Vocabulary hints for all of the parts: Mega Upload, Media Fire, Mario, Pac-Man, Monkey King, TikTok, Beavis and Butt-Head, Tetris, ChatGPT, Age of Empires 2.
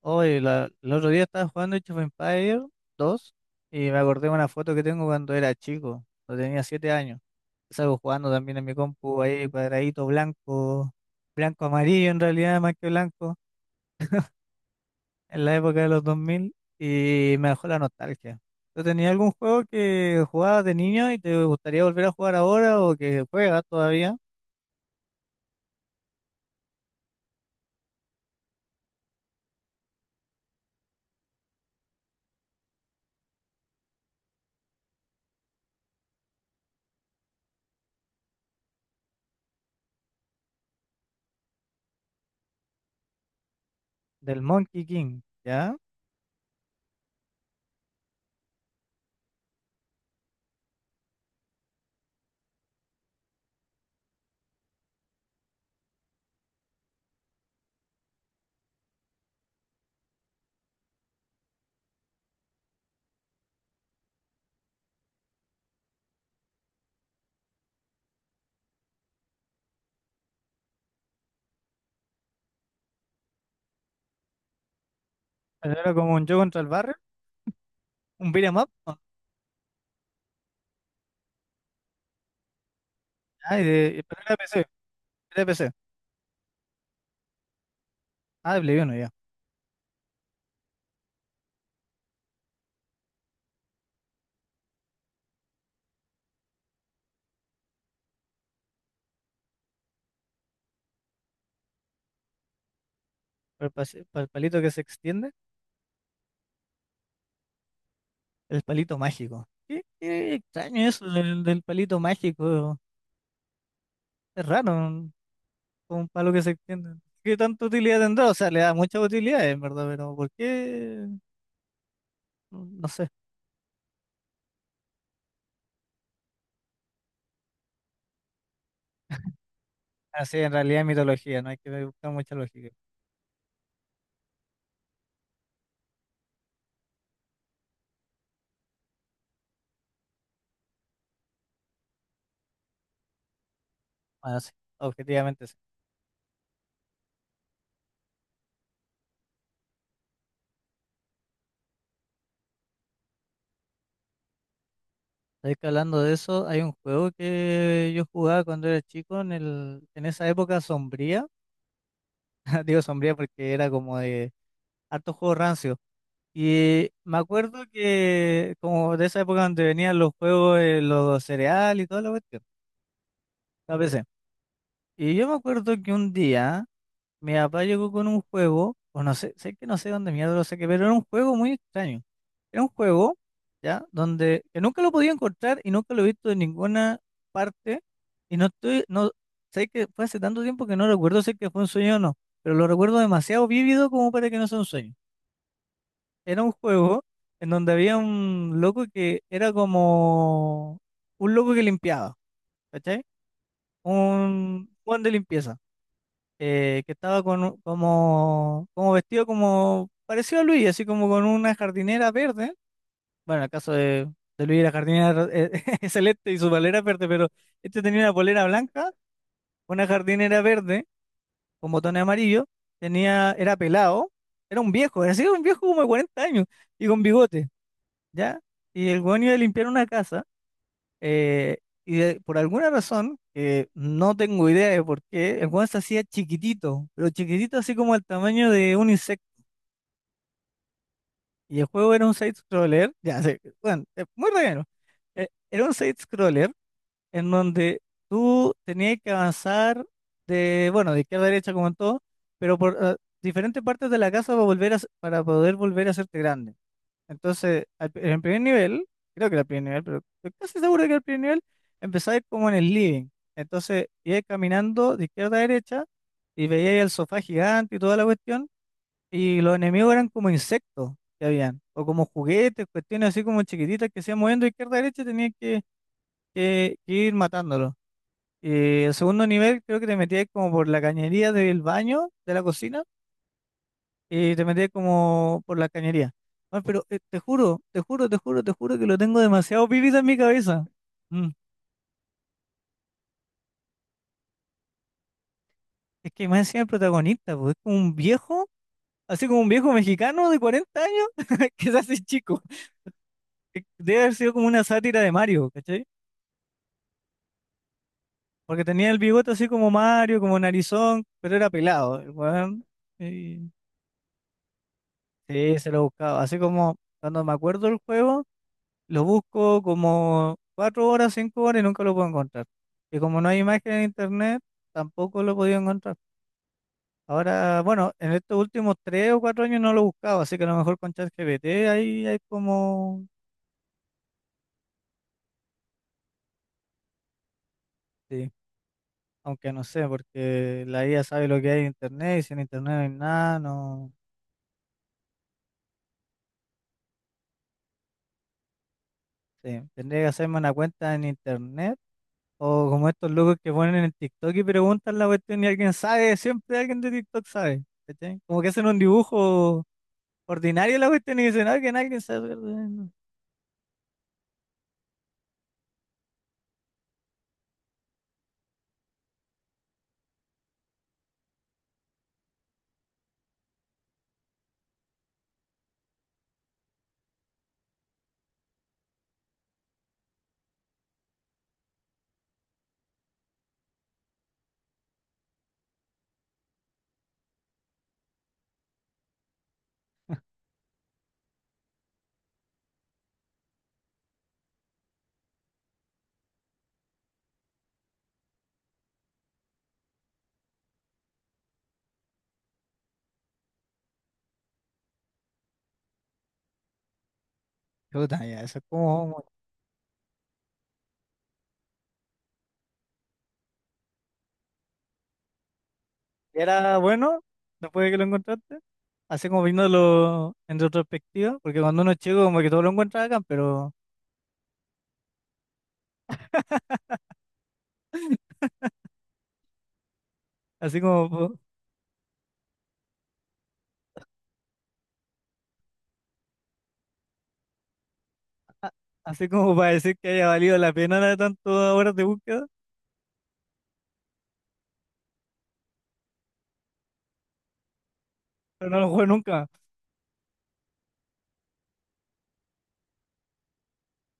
Hoy, el otro día estaba jugando Age of Empires 2 y me acordé de una foto que tengo cuando era chico, cuando tenía 7 años. Salgo jugando también en mi compu ahí, cuadradito blanco, blanco amarillo en realidad, más que blanco, en la época de los 2000 y me dejó la nostalgia. ¿Tú tenías algún juego que jugabas de niño y te gustaría volver a jugar ahora o que juegas todavía? Del Monkey King, ¿ya? Pero era como un yo contra el barrio, un beat 'em up, ¿no? Ah, pero era de PC. Ah, de Play 1, ya. Para el palito que se extiende, el palito mágico. Qué extraño eso del, del palito mágico. Es raro, como un palo que se extiende. ¿Qué tanta utilidad tendrá? O sea, le da mucha utilidad, en verdad, pero ¿por qué? No no sé. Así, en realidad es mitología, no hay que buscar mucha lógica. Bueno, sí, objetivamente sí. Sabes que hablando de eso, hay un juego que yo jugaba cuando era chico en el, en esa época sombría. Digo sombría porque era como de harto juego rancio. Me acuerdo que como de esa época donde venían los juegos, los cereales y toda la cuestión, la PC. Y yo me acuerdo que un día mi papá llegó con un juego, o no sé, sé que no sé dónde mierda lo saqué, pero era un juego muy extraño. Era un juego, ¿ya? Donde que nunca lo podía encontrar y nunca lo he visto en ninguna parte. Y no estoy, no, sé que fue hace tanto tiempo que no recuerdo, sé que fue un sueño o no, pero lo recuerdo demasiado vívido como para que no sea un sueño. Era un juego en donde había un loco que era como un loco que limpiaba, ¿cachai? Un Juan de limpieza, que estaba con, como vestido como parecido a Luis, así como con una jardinera verde. Bueno, en el caso de Luis la jardinera es celeste y su polera verde, pero este tenía una polera blanca, una jardinera verde con botones amarillos, tenía, era pelado, era un viejo, era así un viejo como de 40 años y con bigote. ¿Ya? Y el weón iba a limpiar una casa, eh, por alguna razón, que no tengo idea de por qué, el weón se hacía chiquitito, pero chiquitito así como el tamaño de un insecto. Y el juego era un side-scroller, ya sé, bueno, muy relleno. Era un side-scroller en donde tú tenías que avanzar de, bueno, de izquierda a derecha como en todo, pero por diferentes partes de la casa para volver para poder volver a hacerte grande. Entonces, en el primer nivel, creo que era el primer nivel, pero estoy casi seguro de que era el primer nivel, empezaba como en el living. Entonces, iba caminando de izquierda a derecha y veía el sofá gigante y toda la cuestión, y los enemigos eran como insectos que habían, o como juguetes, cuestiones así como chiquititas que se iban moviendo de izquierda a derecha y tenías que ir matándolos. Y el segundo nivel creo que te metías como por la cañería del baño, de la cocina y te metías como por la cañería. Bueno, pero te juro, te juro, te juro, te juro que lo tengo demasiado vivido en mi cabeza. Mm. Es que más encima el protagonista, pues, es como un viejo, así como un viejo mexicano de 40 años, que se hace chico. Debe haber sido como una sátira de Mario, ¿cachai? Porque tenía el bigote así como Mario, como narizón, pero era pelado, el weón. Y- Sí, se lo buscaba. Así como cuando me acuerdo del juego. Lo busco como 4 horas, 5 horas y nunca lo puedo encontrar. Y como no hay imagen en internet, tampoco lo he podido encontrar. Ahora, bueno, en estos últimos 3 o 4 años no lo he buscado, así que a lo mejor con ChatGPT ahí hay como... Sí, aunque no sé, porque la IA sabe lo que hay en internet y si en internet no hay nada, no... Sí, tendría que hacerme una cuenta en internet o como estos locos que ponen en TikTok y preguntan la cuestión y alguien sabe, siempre alguien de TikTok sabe. ¿Cachai? Como que hacen un dibujo ordinario la cuestión y dice, no, que nadie se acuerda". Puta, ya, eso es como, era bueno, después de que lo encontraste, así como viéndolo en retrospectiva, porque cuando uno es chico como que todo lo encuentra acá, pero así como, po- a- así como para decir que haya valido la pena de tantas horas de búsqueda, pero no lo juego nunca.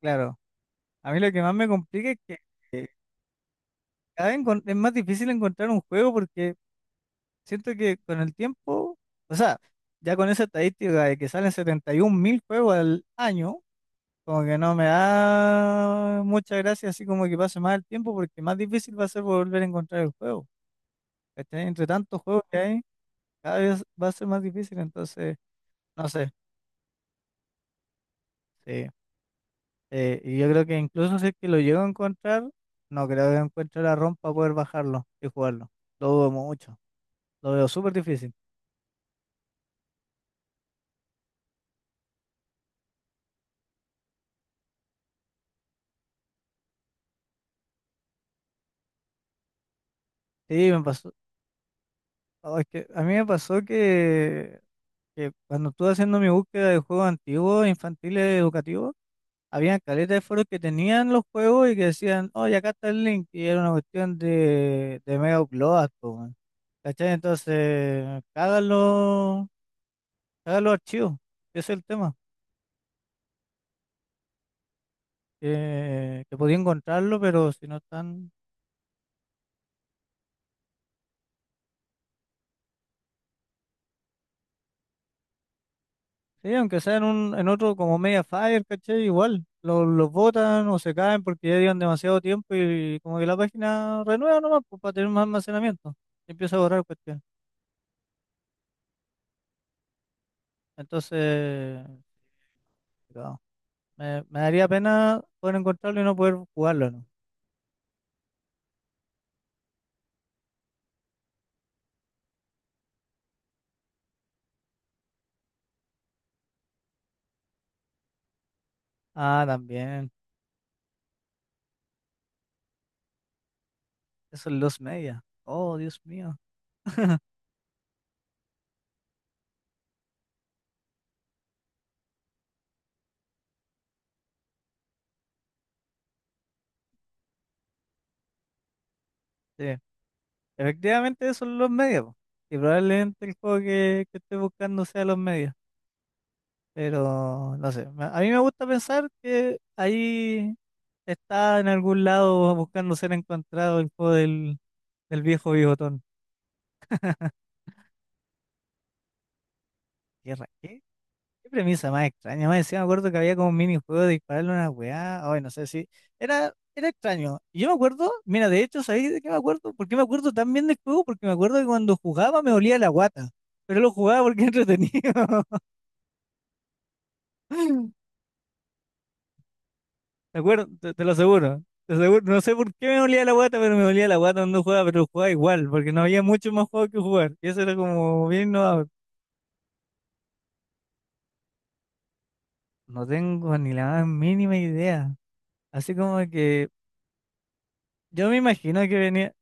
Claro, a mí lo que más me complica es que cada vez es más difícil encontrar un juego porque siento que con el tiempo, o sea, ya con esa estadística de que salen 71.000 juegos al año, como que no me da mucha gracia, así como que pase más el tiempo, porque más difícil va a ser volver a encontrar el juego. ¿Cachai? Entre tantos juegos que hay, cada vez va a ser más difícil, entonces, no sé. Sí. Y yo creo que incluso si es que lo llego a encontrar, no creo que encuentre la ROM para poder bajarlo y jugarlo. Lo dudo mucho. Lo veo súper difícil. Sí, me pasó. Oh, es que a mí me pasó que cuando estuve haciendo mi búsqueda de juegos antiguos, infantiles, educativos, había caleta de foros que tenían los juegos y que decían, oye, acá está el link, y era una cuestión de mega upload, po, weón. ¿Cachai? Entonces, cagan los archivos, ese es el tema, que podía encontrarlo, pero si no están. Sí, aunque sea en, un, en otro como media fire, ¿cachai? Igual, los botan o se caen porque ya llevan demasiado tiempo y como que la página renueva nomás pues, para tener más almacenamiento y empieza a borrar cuestión. Entonces, no, me daría pena poder encontrarlo y no poder jugarlo, ¿no? Ah, también, eso es los media. Oh, Dios mío. Sí, efectivamente eso es los medios. Po. Y probablemente el juego que estoy buscando sea los medios. Pero no sé, a mí me gusta pensar que ahí está en algún lado buscando ser encontrado el juego del, del viejo bigotón. Qué, qué premisa más extraña. Más decía me acuerdo que había como un minijuego de dispararle una weá. Ay, no sé si. Era extraño. Y yo me acuerdo, mira, de hecho, ¿sabéis de qué me acuerdo? ¿Por qué me acuerdo tan bien del juego? Porque me acuerdo que cuando jugaba me olía la guata. Pero lo jugaba porque era entretenido. ¿De acuerdo? Te lo aseguro. Te aseguro. No sé por qué me olía la guata, pero me olía la guata cuando jugaba, pero jugaba igual, porque no había mucho más juego que jugar. Y eso era como bien innovador. No tengo ni la más mínima idea. Así como que yo me imagino que venía.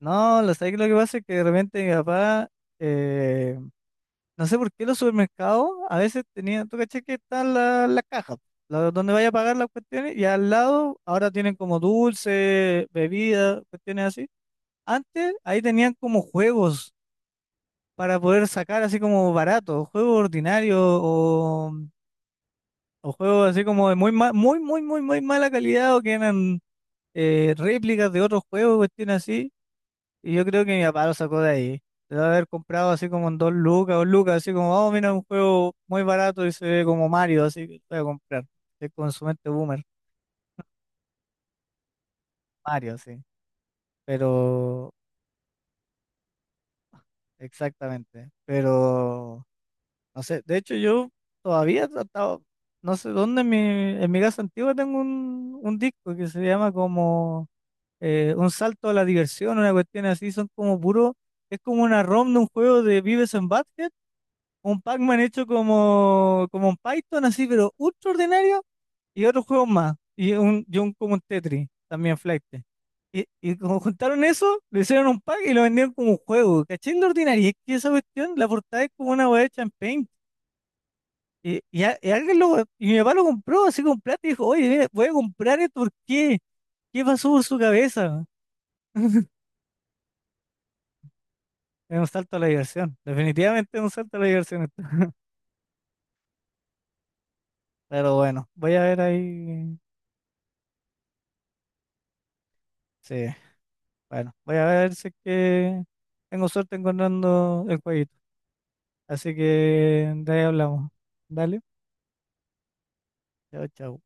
No, lo sabes que lo que pasa es que de repente mi papá, eh, no sé por qué los supermercados a veces tenían, tú caché que están las cajas, donde vaya a pagar las cuestiones, y al lado ahora tienen como dulce, bebidas, cuestiones así. Antes ahí tenían como juegos para poder sacar así como barato, juegos ordinarios o juegos así como de muy muy, muy, muy, muy mala calidad o que eran réplicas de otros juegos, cuestiones así, y yo creo que mi papá lo sacó de ahí. Debe haber comprado así como en dos lucas o lucas, así como, vamos, mira, un juego muy barato y se ve como Mario, así que lo voy a comprar. Es como su mente boomer, Mario, sí. Pero, exactamente. Pero, no sé, de hecho yo todavía he tratado, no sé dónde en mi casa antigua tengo un disco que se llama como un salto a la diversión, una cuestión así, son como puro, es como una ROM de un juego de Vives en Butthead, un Pac-Man hecho como un Python así, pero ultra ordinario, y otros juegos más, y un como un Tetris, también flight. Y como juntaron eso, le hicieron un pack y lo vendieron como un juego, ¿cachai? De ordinario, y es que esa cuestión, la portada es como una weá hecha en Paint. Y alguien lo, y mi papá lo compró así con plata y dijo, oye, mira, voy a comprar esto, ¿por qué? ¿Qué pasó por su cabeza? Es un salto a la diversión. Definitivamente es un salto a la diversión. Esto. Pero bueno, voy a ver ahí. Sí, bueno, voy a ver si es que tengo suerte encontrando el jueguito. Así que de ahí hablamos. Dale. Chao, chao.